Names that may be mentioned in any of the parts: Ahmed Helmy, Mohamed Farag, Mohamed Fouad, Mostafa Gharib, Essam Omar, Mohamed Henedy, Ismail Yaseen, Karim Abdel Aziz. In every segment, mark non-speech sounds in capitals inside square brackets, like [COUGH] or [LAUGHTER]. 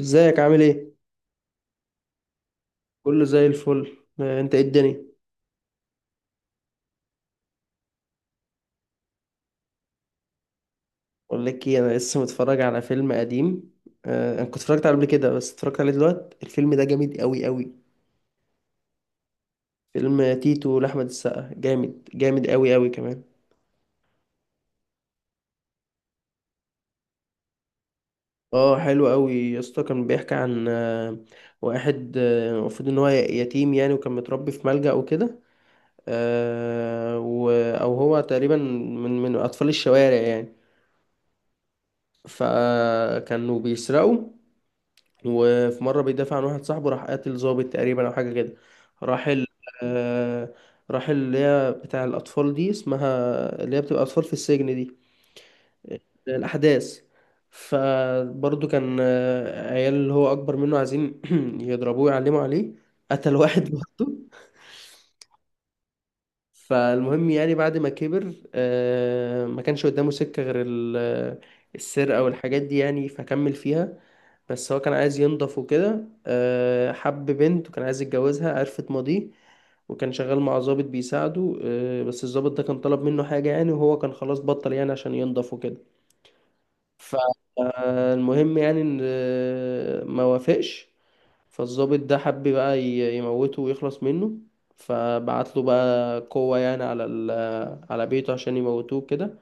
ازيك عامل ايه. كله زي الفل. انت ايه الدنيا؟ اقول لك ايه، انا لسه متفرج على فيلم قديم. انا كنت اتفرجت عليه قبل كده، بس اتفرجت عليه دلوقتي. الفيلم ده جامد قوي قوي. فيلم تيتو لاحمد السقا، جامد جامد قوي قوي كمان. اه حلو قوي يا اسطى. كان بيحكي عن واحد، المفروض ان هو يتيم يعني، وكان متربي في ملجأ وكده. او هو تقريبا من اطفال الشوارع يعني. فكانوا بيسرقوا، وفي مرة بيدافع عن واحد صاحبه، راح قاتل ظابط تقريبا أو حاجة كده. راح ال آه، راح اللي هي بتاع الأطفال دي، اسمها اللي هي بتبقى أطفال في السجن دي، الأحداث. فبرضه كان عيال اللي هو أكبر منه عايزين [CLEARS THROAT] يضربوه يعلموا عليه، قتل واحد برضه. فالمهم يعني بعد ما كبر، ما كانش قدامه سكة غير السرقة والحاجات دي يعني، فكمل فيها. بس هو كان عايز ينضف وكده، حب بنت وكان عايز يتجوزها، عرفت ماضيه. وكان شغال مع ضابط بيساعده، بس الضابط ده كان طلب منه حاجة يعني، وهو كان خلاص بطل يعني عشان ينضف وكده. فالمهم يعني ان ما وافقش. فالضابط ده حب بقى يموته ويخلص منه. فبعت له بقى قوة يعني على على بيته عشان يموتوه كده.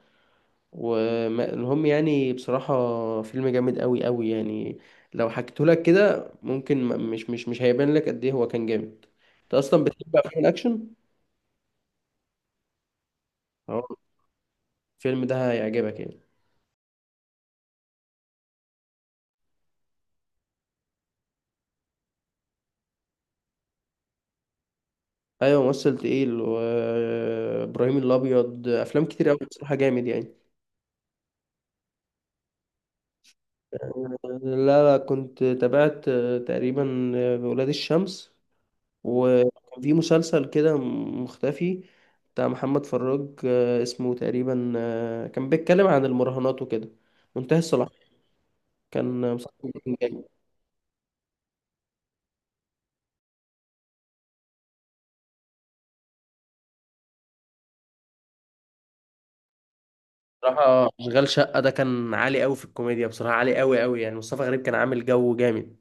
والمهم يعني بصراحة فيلم جامد قوي قوي يعني. لو حكيته لك كده ممكن مش هيبان لك قد ايه هو كان جامد. انت اصلا بتحب افلام الاكشن؟ اه. الفيلم ده هيعجبك يعني. ايوه ممثل تقيل، وابراهيم الابيض، افلام كتير قوي بصراحة جامد يعني. لا لا كنت تابعت تقريبا، ولاد الشمس، وكان في مسلسل كده مختفي بتاع محمد فراج، اسمه تقريبا، كان بيتكلم عن المراهنات وكده، منتهي الصلاحية. كان مسلسل جامد. بصراحة أشغال شقة ده كان عالي قوي في الكوميديا، بصراحة عالي قوي قوي يعني. مصطفى غريب كان عامل جو جامد.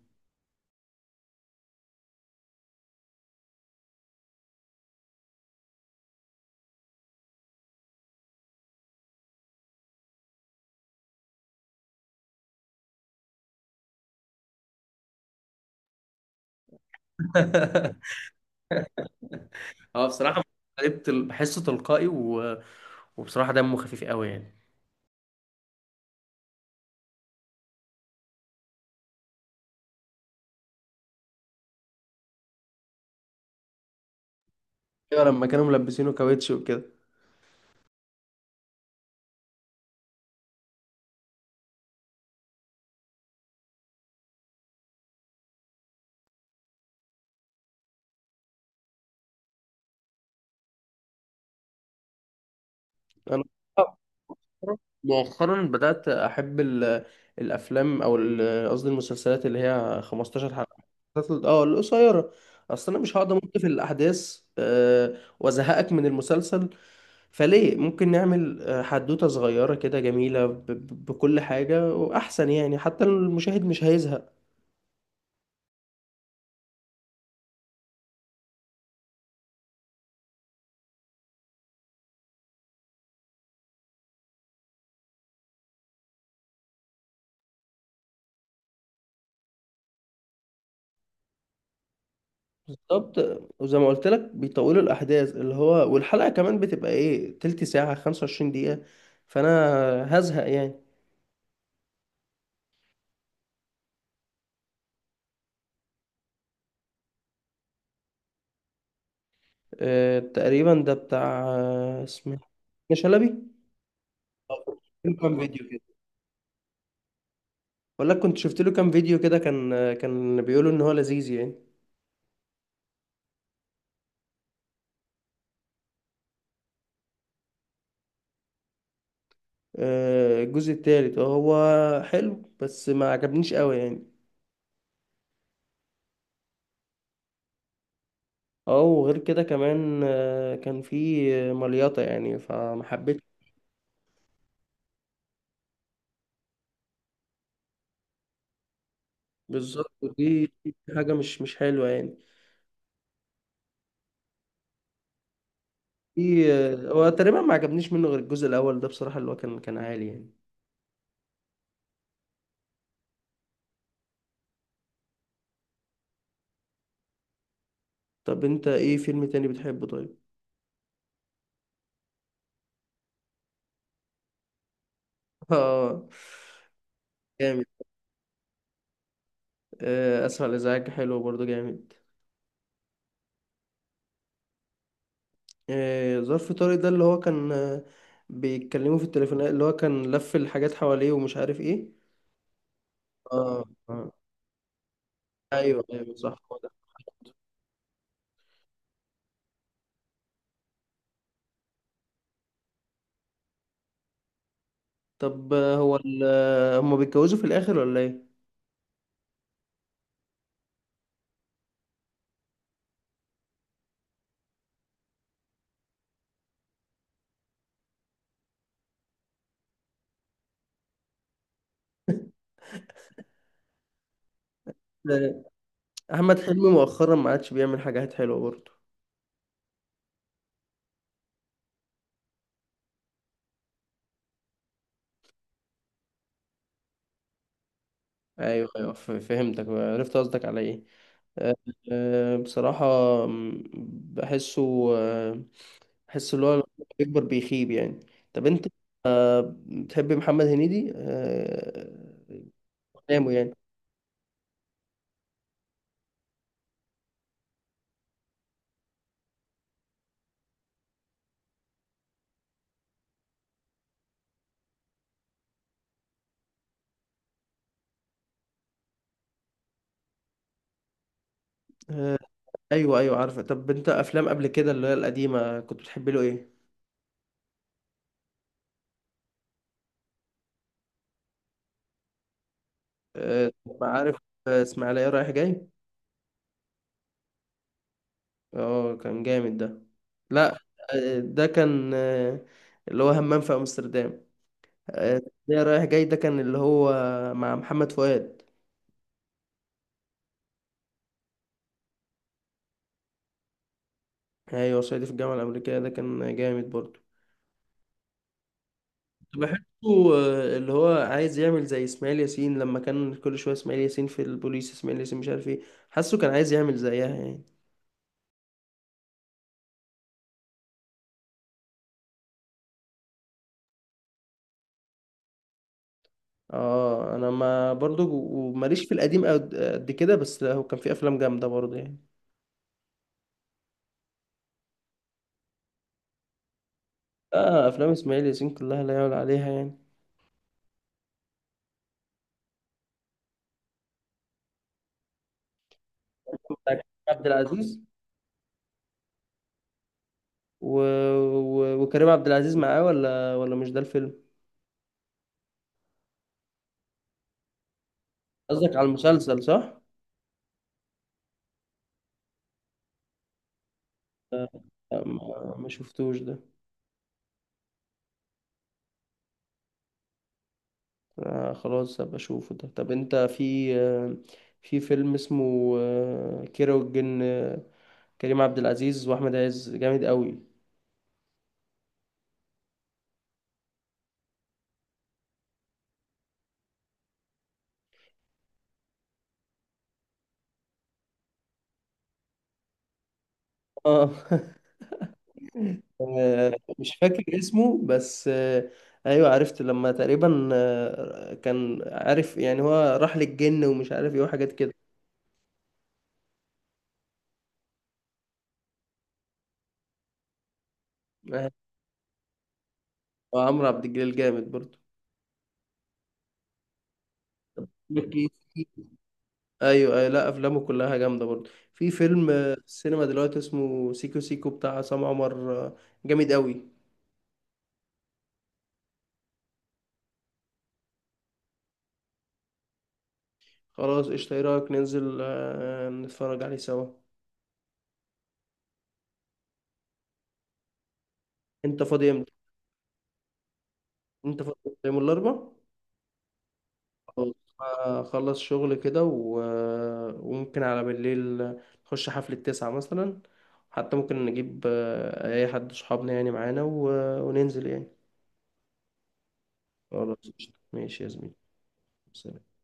[LAUGHS] اه بصراحة مصطفى غريب بحسه تلقائي وبصراحة دمه خفيف قوي يعني. ايوه لما كانوا ملبسينه كاوتش وكده. انا مؤخرا بدأت أحب الأفلام أو قصدي المسلسلات اللي هي 15 حلقة. اه القصيرة. أصل أنا مش هقدر أمط في الأحداث، وأزهقك من المسلسل. فليه ممكن نعمل حدوتة صغيرة كده جميلة بكل حاجة، وأحسن يعني حتى المشاهد مش هيزهق. بالظبط. وزي ما قلت لك بيطولوا الأحداث، اللي هو والحلقة كمان بتبقى إيه، تلت ساعة، 25 دقيقة، فأنا هزهق يعني. تقريبا ده بتاع، اسمه إيه؟ شلبي. آه، كنت شفت له كام فيديو كده. بقول لك كنت شفت له كام فيديو كده، كان كان بيقولوا ان هو لذيذ يعني. الجزء التالت، هو حلو بس ما عجبنيش قوي يعني. اه وغير كده كمان كان في مليطة يعني، فما حبيتش. بالظبط، ودي حاجة مش حلوة يعني. في هو تقريبا ما عجبنيش منه غير الجزء الأول، ده بصراحة اللي هو كان كان عالي يعني. طب انت ايه فيلم تاني بتحبه طيب؟ [LAUGHS] اه جامد. اسفل ازعاج حلو برضو جامد. ظرف طارق ده اللي هو كان بيتكلموا في التليفون، اللي هو كان لف الحاجات حواليه ومش عارف ايه. اه اه، ايوه ايوه صح هو ده. طب هو هما بيتجوزوا في الاخر ولا ايه؟ آه، احمد حلمي مؤخرا ما عادش بيعمل حاجات حلوه برضو. ايوه ايوه، فهمتك عرفت قصدك على ايه. آه، بصراحه، م، بحسه، آه، بحس اللي هو لما بيكبر بيخيب يعني. طب انت بتحب محمد هنيدي افلامه يعني؟ آه، ايوه ايوه عارفه. طب انت افلام قبل كده اللي هي القديمه كنت بتحب له ايه؟ آه، عارف، اسماعيليه رايح جاي. اه كان جامد ده. لا ده كان اللي هو همام في امستردام. اسماعيليه رايح جاي ده كان اللي هو مع محمد فؤاد. ايوه صعيدي في الجامعه الامريكيه ده كان جامد برضه. بحسه اللي هو عايز يعمل زي اسماعيل ياسين، لما كان كل شويه اسماعيل ياسين في البوليس، اسماعيل ياسين مش عارف ايه. حاسه كان عايز يعمل زيها يعني. اه انا ما برضو ماليش في القديم قد كده، بس لا، هو كان في افلام جامده برضو يعني. اه افلام اسماعيل ياسين كلها لا يعلى عليها يعني. بتاع كريم عبد العزيز و... وكريم عبد العزيز معاه ولا مش ده الفيلم؟ قصدك على المسلسل صح. آه، ما شفتوش ده. آه خلاص هبقى اشوفه ده. طب انت في آه، في فيلم اسمه آه كيرة والجن، كريم عبد العزيز واحمد عز جامد قوي. اه [LAUGHS] آه، مش فاكر اسمه بس آه. ايوه عرفت، لما تقريبا آه كان عارف يعني هو راح للجن ومش عارف ايه وحاجات كده. آه، وعمرو عبد الجليل جامد برضه. أكيد. ايوه ايوه لا افلامه كلها جامده برضه. في فيلم السينما دلوقتي اسمه سيكو سيكو بتاع عصام عمر، جامد قوي. خلاص قشطة، ايه رأيك ننزل نتفرج عليه سوا؟ انت فاضي امتى؟ انت فاضي امتى؟ يوم الاربع؟ خلاص اخلص شغل كده و... آه، وممكن على بالليل نخش حفلة تسعة مثلا، حتى ممكن نجيب اي حد صحابنا يعني معانا، و... آه، وننزل يعني. خلاص قشطة ماشي يا زميلي. سلام.